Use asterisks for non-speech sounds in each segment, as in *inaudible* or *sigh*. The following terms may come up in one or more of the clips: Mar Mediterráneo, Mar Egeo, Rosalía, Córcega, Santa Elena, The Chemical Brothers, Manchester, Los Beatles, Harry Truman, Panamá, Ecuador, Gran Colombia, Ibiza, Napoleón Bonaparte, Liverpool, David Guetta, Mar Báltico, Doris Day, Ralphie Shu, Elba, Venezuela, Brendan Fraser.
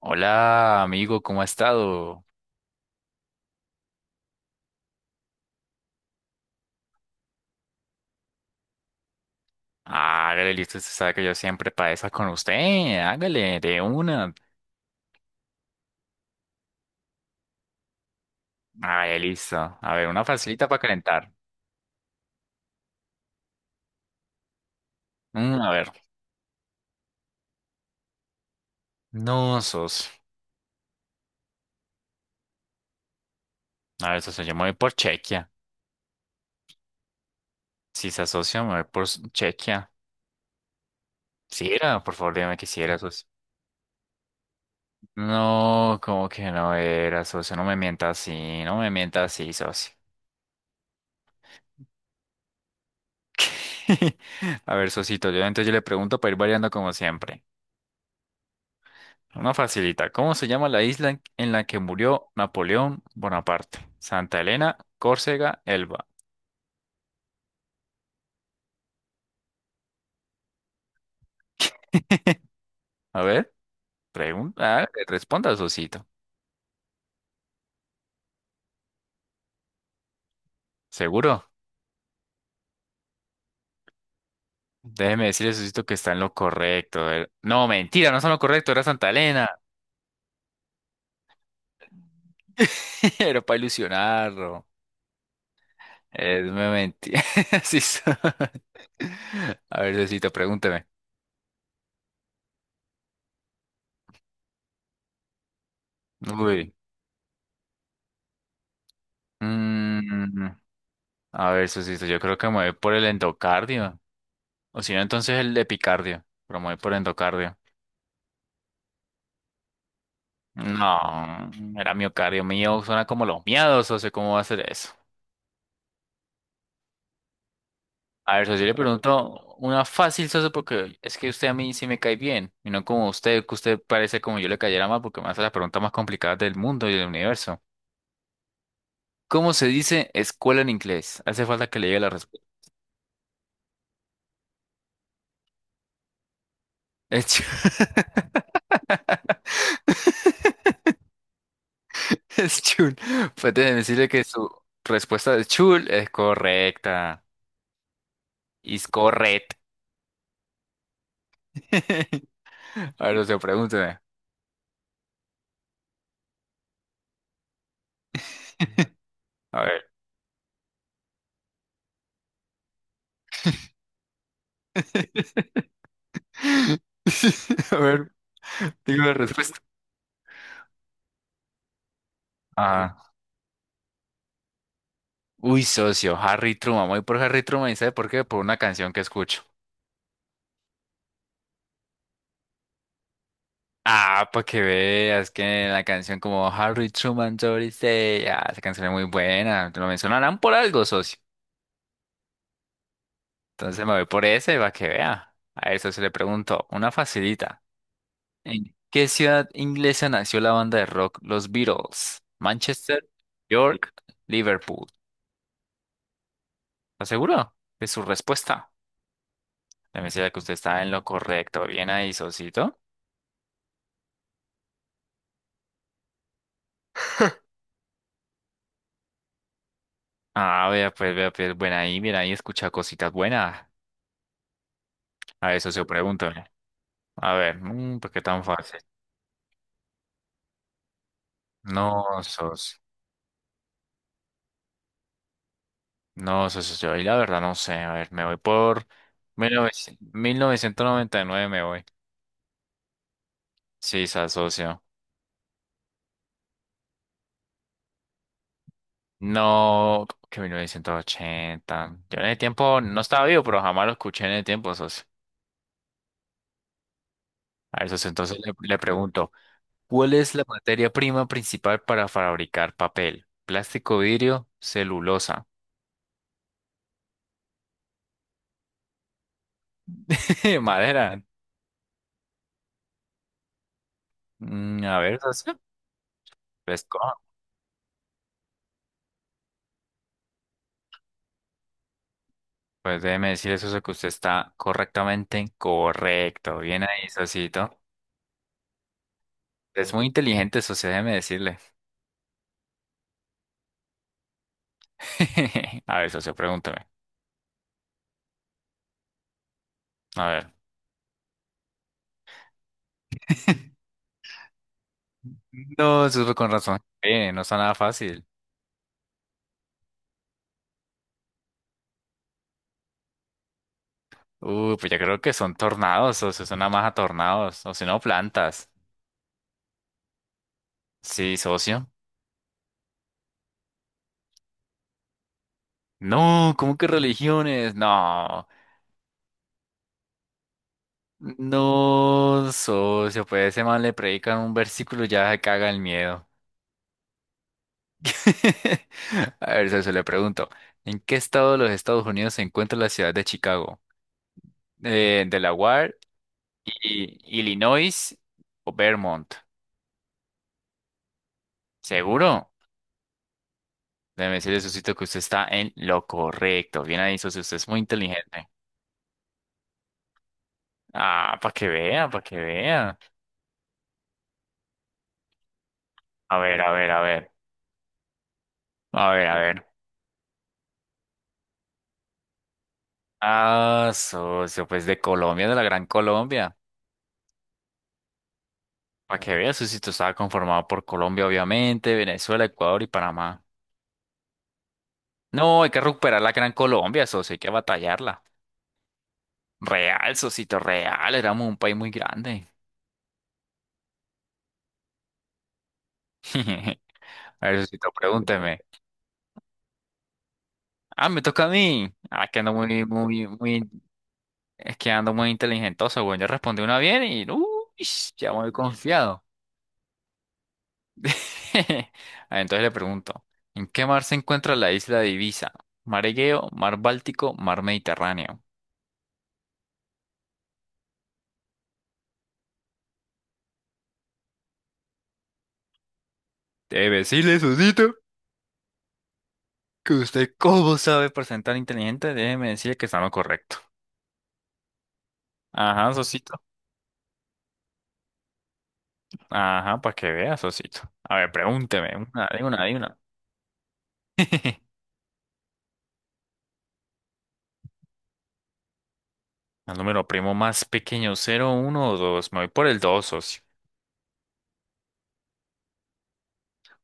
Hola, amigo, ¿cómo ha estado? Hágale, listo, usted sabe que yo siempre padezco con usted. Hágale, de una. Hágale, listo. A ver, una facilita para calentar. A ver. No, sos. A ver, socio, yo me voy por Chequia. Si se asocia, me voy por Chequia. Si era, por favor, dime que si era, socio. No, como que no era, socio. No me mienta así, no me mienta así, socio. *laughs* A ver, socito, yo entonces yo le pregunto para ir variando como siempre. Una facilita. ¿Cómo se llama la isla en la que murió Napoleón Bonaparte? Santa Elena, Córcega, Elba. *laughs* A ver, pregunta, ah, responda, Sosito. ¿Seguro? Déjeme decirle, Sosito, que está en lo correcto. A ver, no, mentira, no está en lo correcto, era Santa Elena. *laughs* Era para ilusionarlo. Es una mentira. *laughs* Sí soy. *laughs* A ver, Sosito, pregúnteme. Uy. Mm, a ver, Sosito, yo creo que me voy por el endocardio. O si no, entonces el epicardio. Promueve por endocardio. No, era miocardio mío. Suena como los miados, socio. ¿Cómo va a ser eso? A ver, socio, yo le pregunto una fácil, socio, porque es que usted a mí sí me cae bien. Y no como usted, que usted parece como yo le cayera mal, porque me hace las preguntas más complicadas del mundo y del universo. ¿Cómo se dice escuela en inglés? Hace falta que le llegue la respuesta. Es chul. *laughs* Es chul. Pues déjeme decirle que su respuesta de chul es correcta. Is correct. *laughs* A ver, socio, pregúnteme. A ver. *laughs* A ver, digo la respuesta. Ah. Uy, socio, Harry Truman. Voy por Harry Truman y ¿sabe por qué? Por una canción que escucho. Ah, para que veas que la canción como Harry Truman, Doris Day. Ah, esa canción es muy buena. Te lo mencionarán por algo, socio. Entonces me voy por ese para que vea. A eso se le pregunto. Una facilita. ¿En qué ciudad inglesa nació la banda de rock Los Beatles? Manchester, York, Liverpool. ¿Está seguro de su respuesta? Déjame decirle que usted está en lo correcto. Bien ahí, socito. Ah, vea, pues, buena ahí, bien ahí, escucha cositas buenas. A ver, socio, pregúntame. A ver, ¿por qué tan fácil? No, sos, no, socio, yo ahí la verdad no sé. A ver, me voy por mil novecientos noventa y nueve me voy. Sí, se socio. No, que 1980. Yo en el tiempo no estaba vivo, pero jamás lo escuché en el tiempo, socio. A ver, socio, entonces le pregunto. ¿Cuál es la materia prima principal para fabricar papel? Plástico, vidrio, celulosa. *laughs* Madera. A ver, socio, pues, ¿cómo? Pues déjeme decirle, socio, que usted está correctamente correcto. Bien ahí, socito. Es muy inteligente, socio, déjeme decirle. *laughs* A ver, socio, pregúntame. A ver. No, socio, con razón. No está nada fácil. Pues ya creo que son tornados, socio, son nada más a tornados. O si no, plantas. Sí, socio. No, ¿cómo que religiones? No, no, socio, pues ese man le predican un versículo y ya se caga el miedo. *laughs* A ver, socio, le pregunto, ¿en qué estado de los Estados Unidos se encuentra la ciudad de Chicago? Delaware, y, Illinois o Vermont. ¿Seguro? Déjeme decirle, socito, que usted está en lo correcto. Bien ahí, socio, usted es muy inteligente. Ah, para que vea, para que vea. A ver, a ver, a ver. A ver, a ver. Ah, socio, pues de Colombia, de la Gran Colombia. Para que veas, socito, estaba conformado por Colombia, obviamente, Venezuela, Ecuador y Panamá. No, hay que recuperar la Gran Colombia, socio, hay que batallarla. Real, socito, real, éramos un país muy grande. *laughs* A ver, socito, pregúnteme. Ah, me toca a mí. Ah, que ando muy, muy, muy, es que ando muy inteligentoso, güey. Yo respondí una bien ya muy confiado. *laughs* Ah, entonces le pregunto, ¿en qué mar se encuentra la isla de Ibiza? ¿Mar Egeo, mar Báltico, mar Mediterráneo? Debe decirle, Sosito, que usted cómo sabe presentar inteligente, déjeme decirle que está en lo correcto. Ajá, Sosito. Ajá, para que vea, Sosito. A ver, pregúnteme, una, de una, de una. *laughs* El número primo más pequeño, cero, uno, o 2. Me voy por el 2, socio.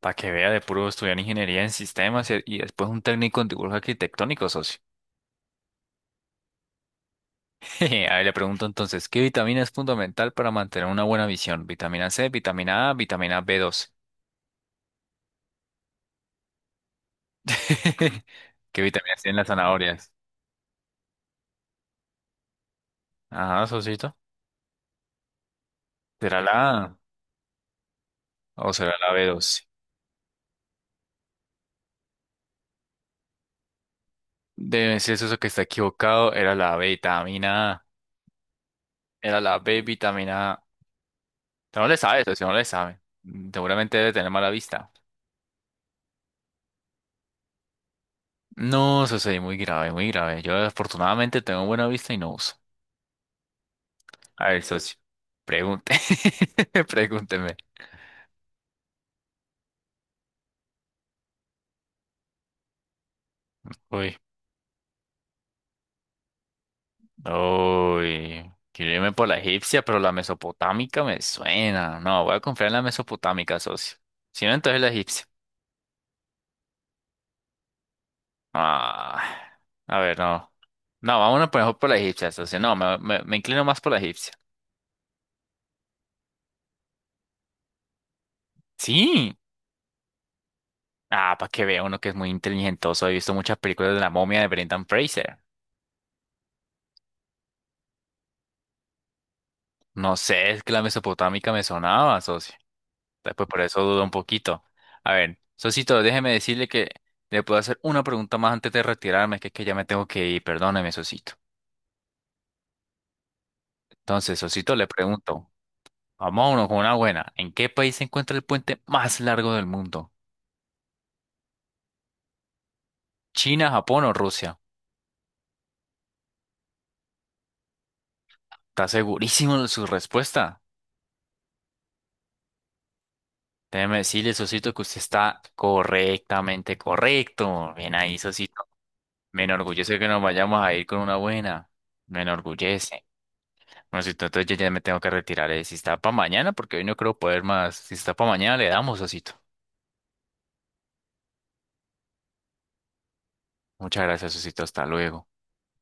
Para que vea de puro estudiar ingeniería en sistemas y después un técnico en dibujo arquitectónico, socio. *laughs* Jeje, a ver, le pregunto entonces, ¿qué vitamina es fundamental para mantener una buena visión? ¿Vitamina C, vitamina A, vitamina B12? *laughs* ¿Qué vitaminas tienen las zanahorias? Ajá, socito. ¿Será la A o será la B12? Debe ser eso que está equivocado. Era la B vitamina A. Era la B vitamina A. Usted no le sabe eso, si no le sabe. Seguramente debe tener mala vista. No, socio, y muy grave, muy grave. Yo afortunadamente tengo buena vista y no uso. A ver, socio, pregunte. *laughs* Pregúnteme. Uy. Uy, quiero irme por la egipcia, pero la mesopotámica me suena. No, voy a confiar en la mesopotámica, socio. Si no, entonces la egipcia. Ah, a ver, no. No, vámonos por mejor por la egipcia, socio. No, me inclino más por la egipcia. Sí. Ah, para que vea uno que es muy inteligentoso. He visto muchas películas de la momia de Brendan Fraser. No sé, es que la mesopotámica me sonaba, socio. Después por eso dudo un poquito. A ver, Sosito, déjeme decirle que le puedo hacer una pregunta más antes de retirarme, que es que ya me tengo que ir, perdóneme, Sosito. Entonces, Sosito, le pregunto, vámonos con una buena. ¿En qué país se encuentra el puente más largo del mundo? ¿China, Japón o Rusia? ¿Está segurísimo de su respuesta? Déjeme decirle, Sosito, que usted está correctamente correcto. Bien ahí, Sosito. Me enorgullece que nos vayamos a ir con una buena. Me enorgullece. Bueno, si entonces yo ya me tengo que retirar. Si está para mañana, porque hoy no creo poder más. Si está para mañana, le damos, Osito. Muchas gracias, Osito. Hasta luego.